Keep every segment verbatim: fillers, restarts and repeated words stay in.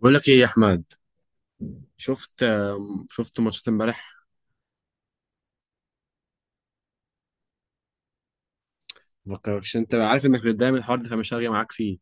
بقول لك ايه يا احمد؟ شفت آم، شفت ماتشات امبارح. مفكركش، انت عارف انك بتتضايق من الحوار ده فمش هرجع معاك فيه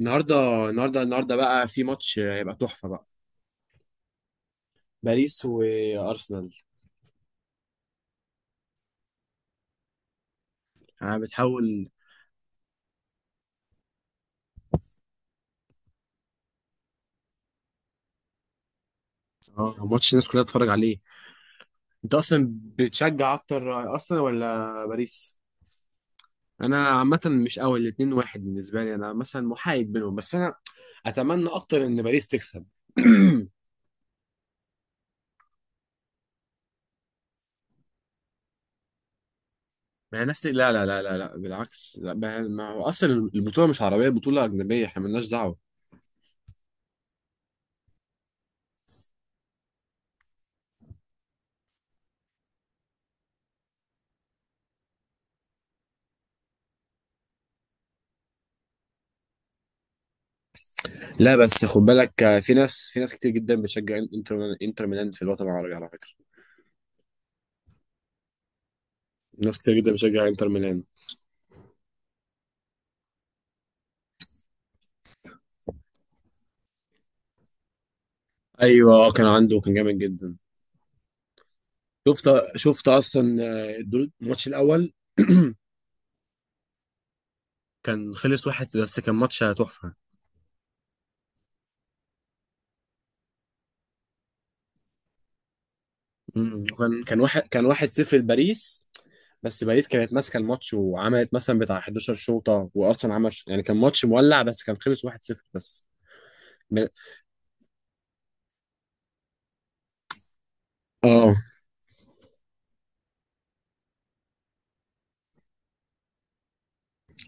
النهارده. النهارده النهارده بقى في ماتش، آه، هيبقى تحفه بقى. باريس وارسنال. انا بتحاول. اه، ماتش الناس كلها تتفرج عليه. انت اصلا بتشجع اكتر ارسنال ولا باريس؟ انا عامه مش قوي، الاتنين واحد بالنسبه لي، انا مثلا محايد بينهم، بس انا اتمنى اكتر ان باريس تكسب. ما هي نفس، لا لا لا لا لا، بالعكس، لا، ما ما هو اصلا البطوله مش عربيه، بطوله اجنبيه، احنا مالناش دعوه. لا بس خد بالك، آه، في ناس في ناس كتير جدا بتشجع انتر ميلان- انتر ميلان في الوطن العربي على فكره. ناس كتير جدا بتشجع انتر ميلان. ايوه، آه، كان عنده، كان جامد جدا. شفت شفت اصلا، آه، الدور- الماتش الاول. كان خلص واحد بس، كان ماتش تحفه. مم. وكان كان واحد كان واحد صفر لباريس. بس باريس كانت ماسكه الماتش، وعملت مثلا بتاع حداشر شوطه، وارسنال عمل ش- يعني كان ماتش مولع، بس كان خلص واحد صفر بس. ب- اه،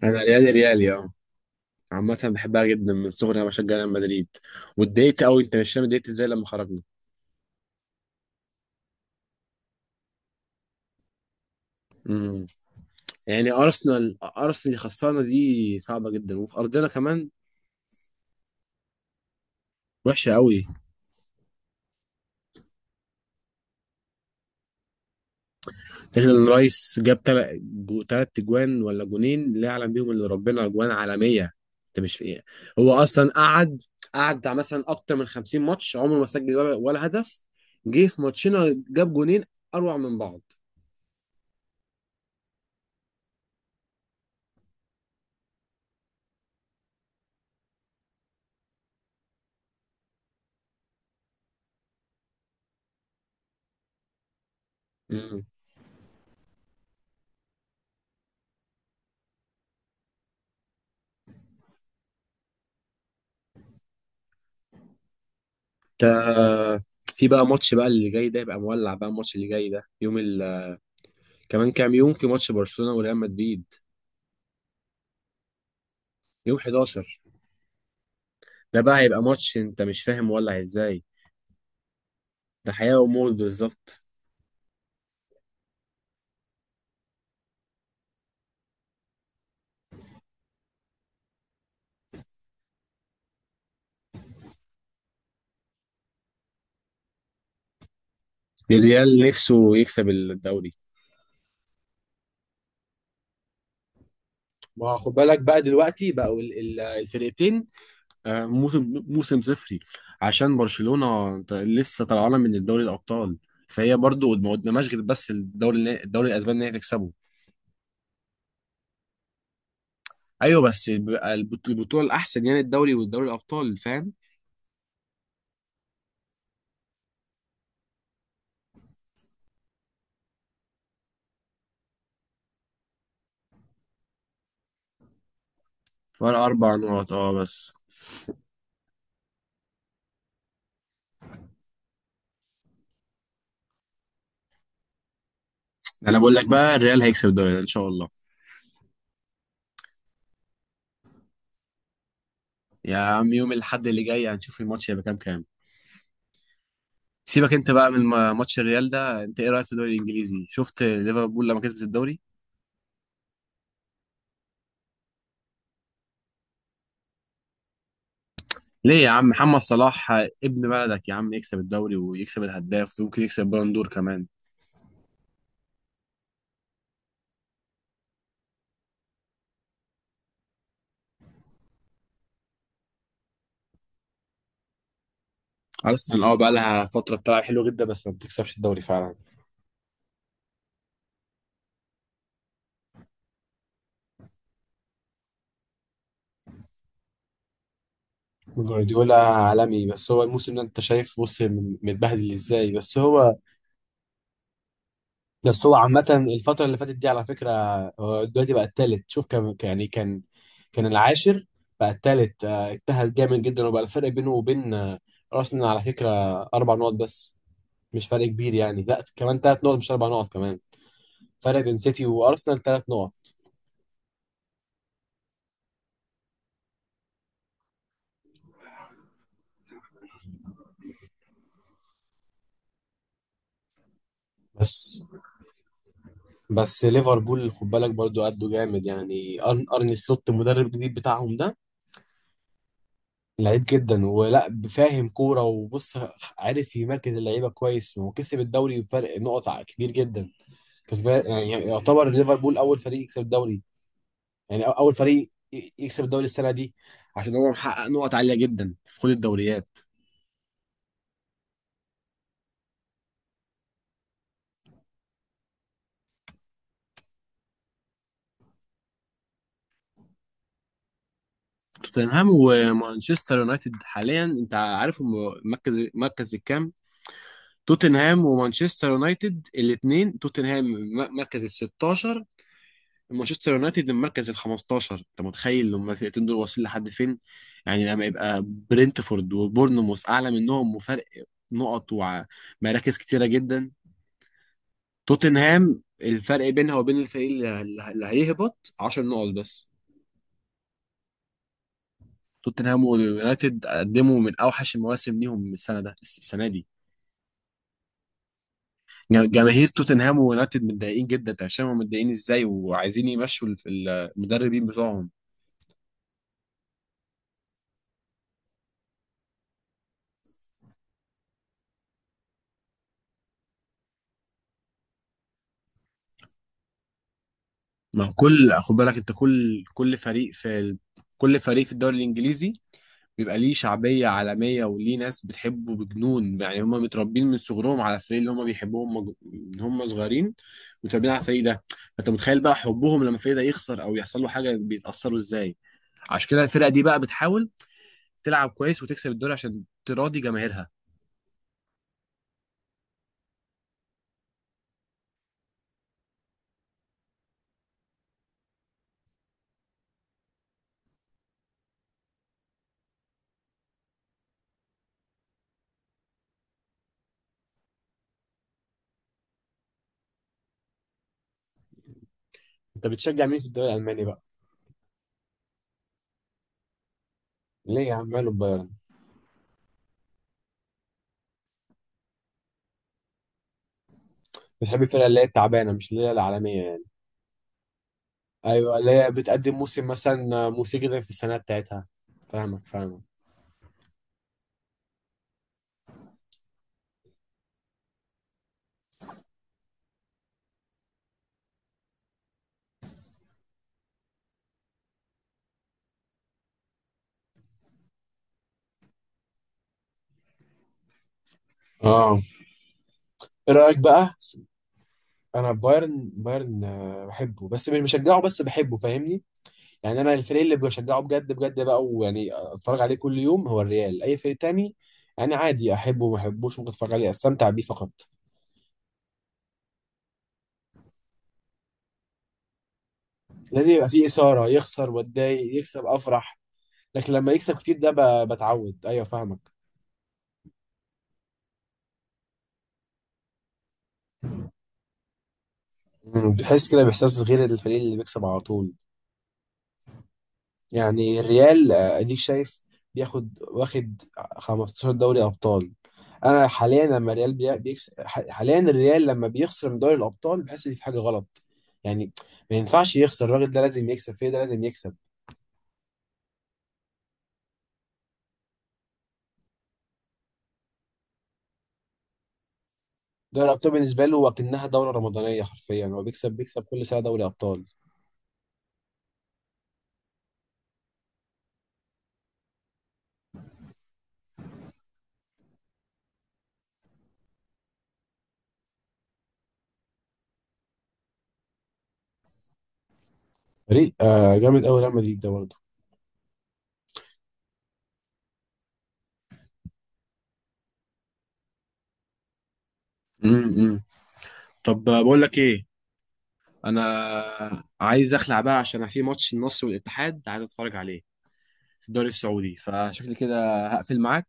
انا ريالي ريالي اه. عامة بحبها جدا من صغري، انا بشجع ريال مدريد. واتضايقت قوي، انت مش فاهم اتضايقت ازاي لما خرجنا. امم. يعني ارسنال ارسنال، اللي خسرنا دي صعبة جدا، وفي ارضنا كمان. وحشة قوي. الرايس جاب تل- جو- تلات اجوان ولا جونين، لا يعلم بيهم الا ربنا، اجوان عالميه. انت مش في ايه. هو اصلا قعد قعد بتاع مثلا اكتر من خمسين ماتش عمره ما سجل ولا, ولا هدف. جه في ماتشنا جاب جونين، اروع من بعض. امم. تا- في بقى ماتش بقى اللي جاي ده يبقى مولع بقى، الماتش اللي جاي ده يوم ال... كمان كام يوم في ماتش برشلونه وريال مدريد، يوم أحد عشر. ده بقى هيبقى ماتش انت مش فاهم مولع ازاي. ده حياه وموت بالظبط. الريال نفسه يكسب الدوري. ما هو خد بالك بقى دلوقتي بقوا ال- ال- الفرقتين. آه، موسم موسم صفري. عشان برشلونة ت- لسه طالعانة من الدوري الأبطال. فهي برضو ما قدامهاش غير بس الدوري، النا- الدوري الأسباني إن هي تكسبه. أيوه، بس بقى البط- البطولة الأحسن يعني الدوري والدوري الأبطال، فاهم. فرق أربع نقط أه بس. أنا بقول لك بقى الريال هيكسب الدوري ده إن شاء الله. يا عم، يوم الأحد اللي جاي هنشوف الماتش هيبقى كام كام. سيبك أنت بقى من ما- ماتش الريال ده، أنت إيه رأيك في الدوري الإنجليزي؟ شفت ليفربول لما كسبت الدوري؟ ليه يا عم؟ محمد صلاح ابن بلدك يا عم يكسب الدوري ويكسب الهداف، ويمكن يكسب بالون دور كمان. ارسنال اه بقى لها فتره بتلعب حلوه جدا، بس ما بتكسبش الدوري فعلا. جوارديولا عالمي، بس هو الموسم ده انت شايف بص م- متبهدل ازاي. بس هو بس هو عامه الفتره اللي فاتت دي على فكره، هو دلوقتي بقى التالت. شوف، كان يعني كان كان العاشر، بقى التالت. آه، اجتهد جامد جدا، وبقى الفرق بينه وبين آه، ارسنال على فكره اربع نقط بس. مش فرق كبير يعني. لا كمان ثلاث نقط مش اربع نقط كمان. فرق بين سيتي وارسنال ثلاث نقط. بس. بس ليفربول خد بالك برضو قدوا جامد يعني، أرن أرني سلوت المدرب الجديد بتاعهم ده لعيب جدا، ولا فاهم كوره. وبص، عارف يمركز اللعيبه كويس، وكسب الدوري بفرق نقط ع- كبير جدا. كسبان يعني، يعتبر ليفربول اول فريق يكسب الدوري، يعني أو- اول فريق ي- يكسب الدوري السنه دي، عشان هو محقق نقط عاليه جدا في كل الدوريات. توتنهام ومانشستر يونايتد حاليا انت عارف هم مركز مركز الكام. توتنهام ومانشستر يونايتد الاثنين، توتنهام م- مركز ال ستاشر، مانشستر يونايتد من مركز ال خمستاشر. انت متخيل لما الفرقتين دول واصلين لحد فين. يعني لما يبقى برينتفورد وبورنموث اعلى منهم، وفرق نقط ومراكز كتيره جدا. توتنهام الفرق بينها وبين الفريق اللي اللي هيهبط عشرة نقط بس. توتنهام ويونايتد قدموا من اوحش المواسم ليهم السنه ده السنه دي. ج- جماهير توتنهام ويونايتد متضايقين جدا، انت مش فاهم هم متضايقين ازاي، وعايزين يمشوا الف- المدربين بتوعهم. ما هو كل خد بالك، انت كل كل فريق في ال... كل فريق في الدوري الانجليزي بيبقى ليه شعبيه عالميه، وليه ناس بتحبه بجنون. يعني هم متربين من صغرهم على الفريق اللي هم بيحبوهم، مج- من هم صغيرين متربين على الفريق ده. انت متخيل بقى حبهم لما الفريق ده يخسر او يحصل له حاجه بيتاثروا ازاي. عشان كده الفرقه دي بقى بتحاول تلعب كويس وتكسب الدوري عشان تراضي جماهيرها. انت بتشجع مين في الدوري الالماني بقى؟ ليه يا عم؟ ماله البايرن. بتحب الفرقه اللي هي التعبانه، مش اللي هي العالميه يعني. ايوه، اللي هي بتقدم موسم مثلا موسيقي جدا في السنه بتاعتها. فاهمك فاهمك. اه، ايه رايك بقى. انا بايرن بايرن آه، بحبه بس مش بشجعه، بس بحبه فاهمني. يعني انا الفريق اللي بشجعه بجد بجد بقى، ويعني اتفرج عليه كل يوم، هو الريال. اي فريق تاني انا عادي، احبه وما احبوش، ممكن اتفرج عليه استمتع بيه فقط. لازم يبقى فيه اثاره، يخسر واتضايق، يكسب افرح. لكن لما يكسب كتير ده ب- بتعود، ايوه فاهمك. مم، بتحس كده باحساس غير الفريق اللي بيكسب على طول. يعني الريال آه، اديك شايف بياخد واخد خمسة عشر دوري ابطال. انا حاليا لما الريال بي- بيكسب، ح- حاليا الريال لما بيخسر من دوري الابطال بحس ان في حاجه غلط. يعني ما ينفعش يخسر، الراجل ده لازم يكسب، فيه ده لازم يكسب. دوري الابطال بالنسبه له وكأنها دوره رمضانيه حرفيا، هو بيكسب بيكسب كل سنه دوري ابطال. فريق آه، جامد قوي ريال مدريد ده برضه. امم. طب بقول لك ايه، انا عايز اخلع بقى عشان في ماتش النصر والاتحاد عايز اتفرج عليه في الدوري السعودي. فشكلي كده هقفل معاك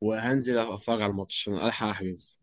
وهنزل اتفرج على الماتش عشان الحق احجز.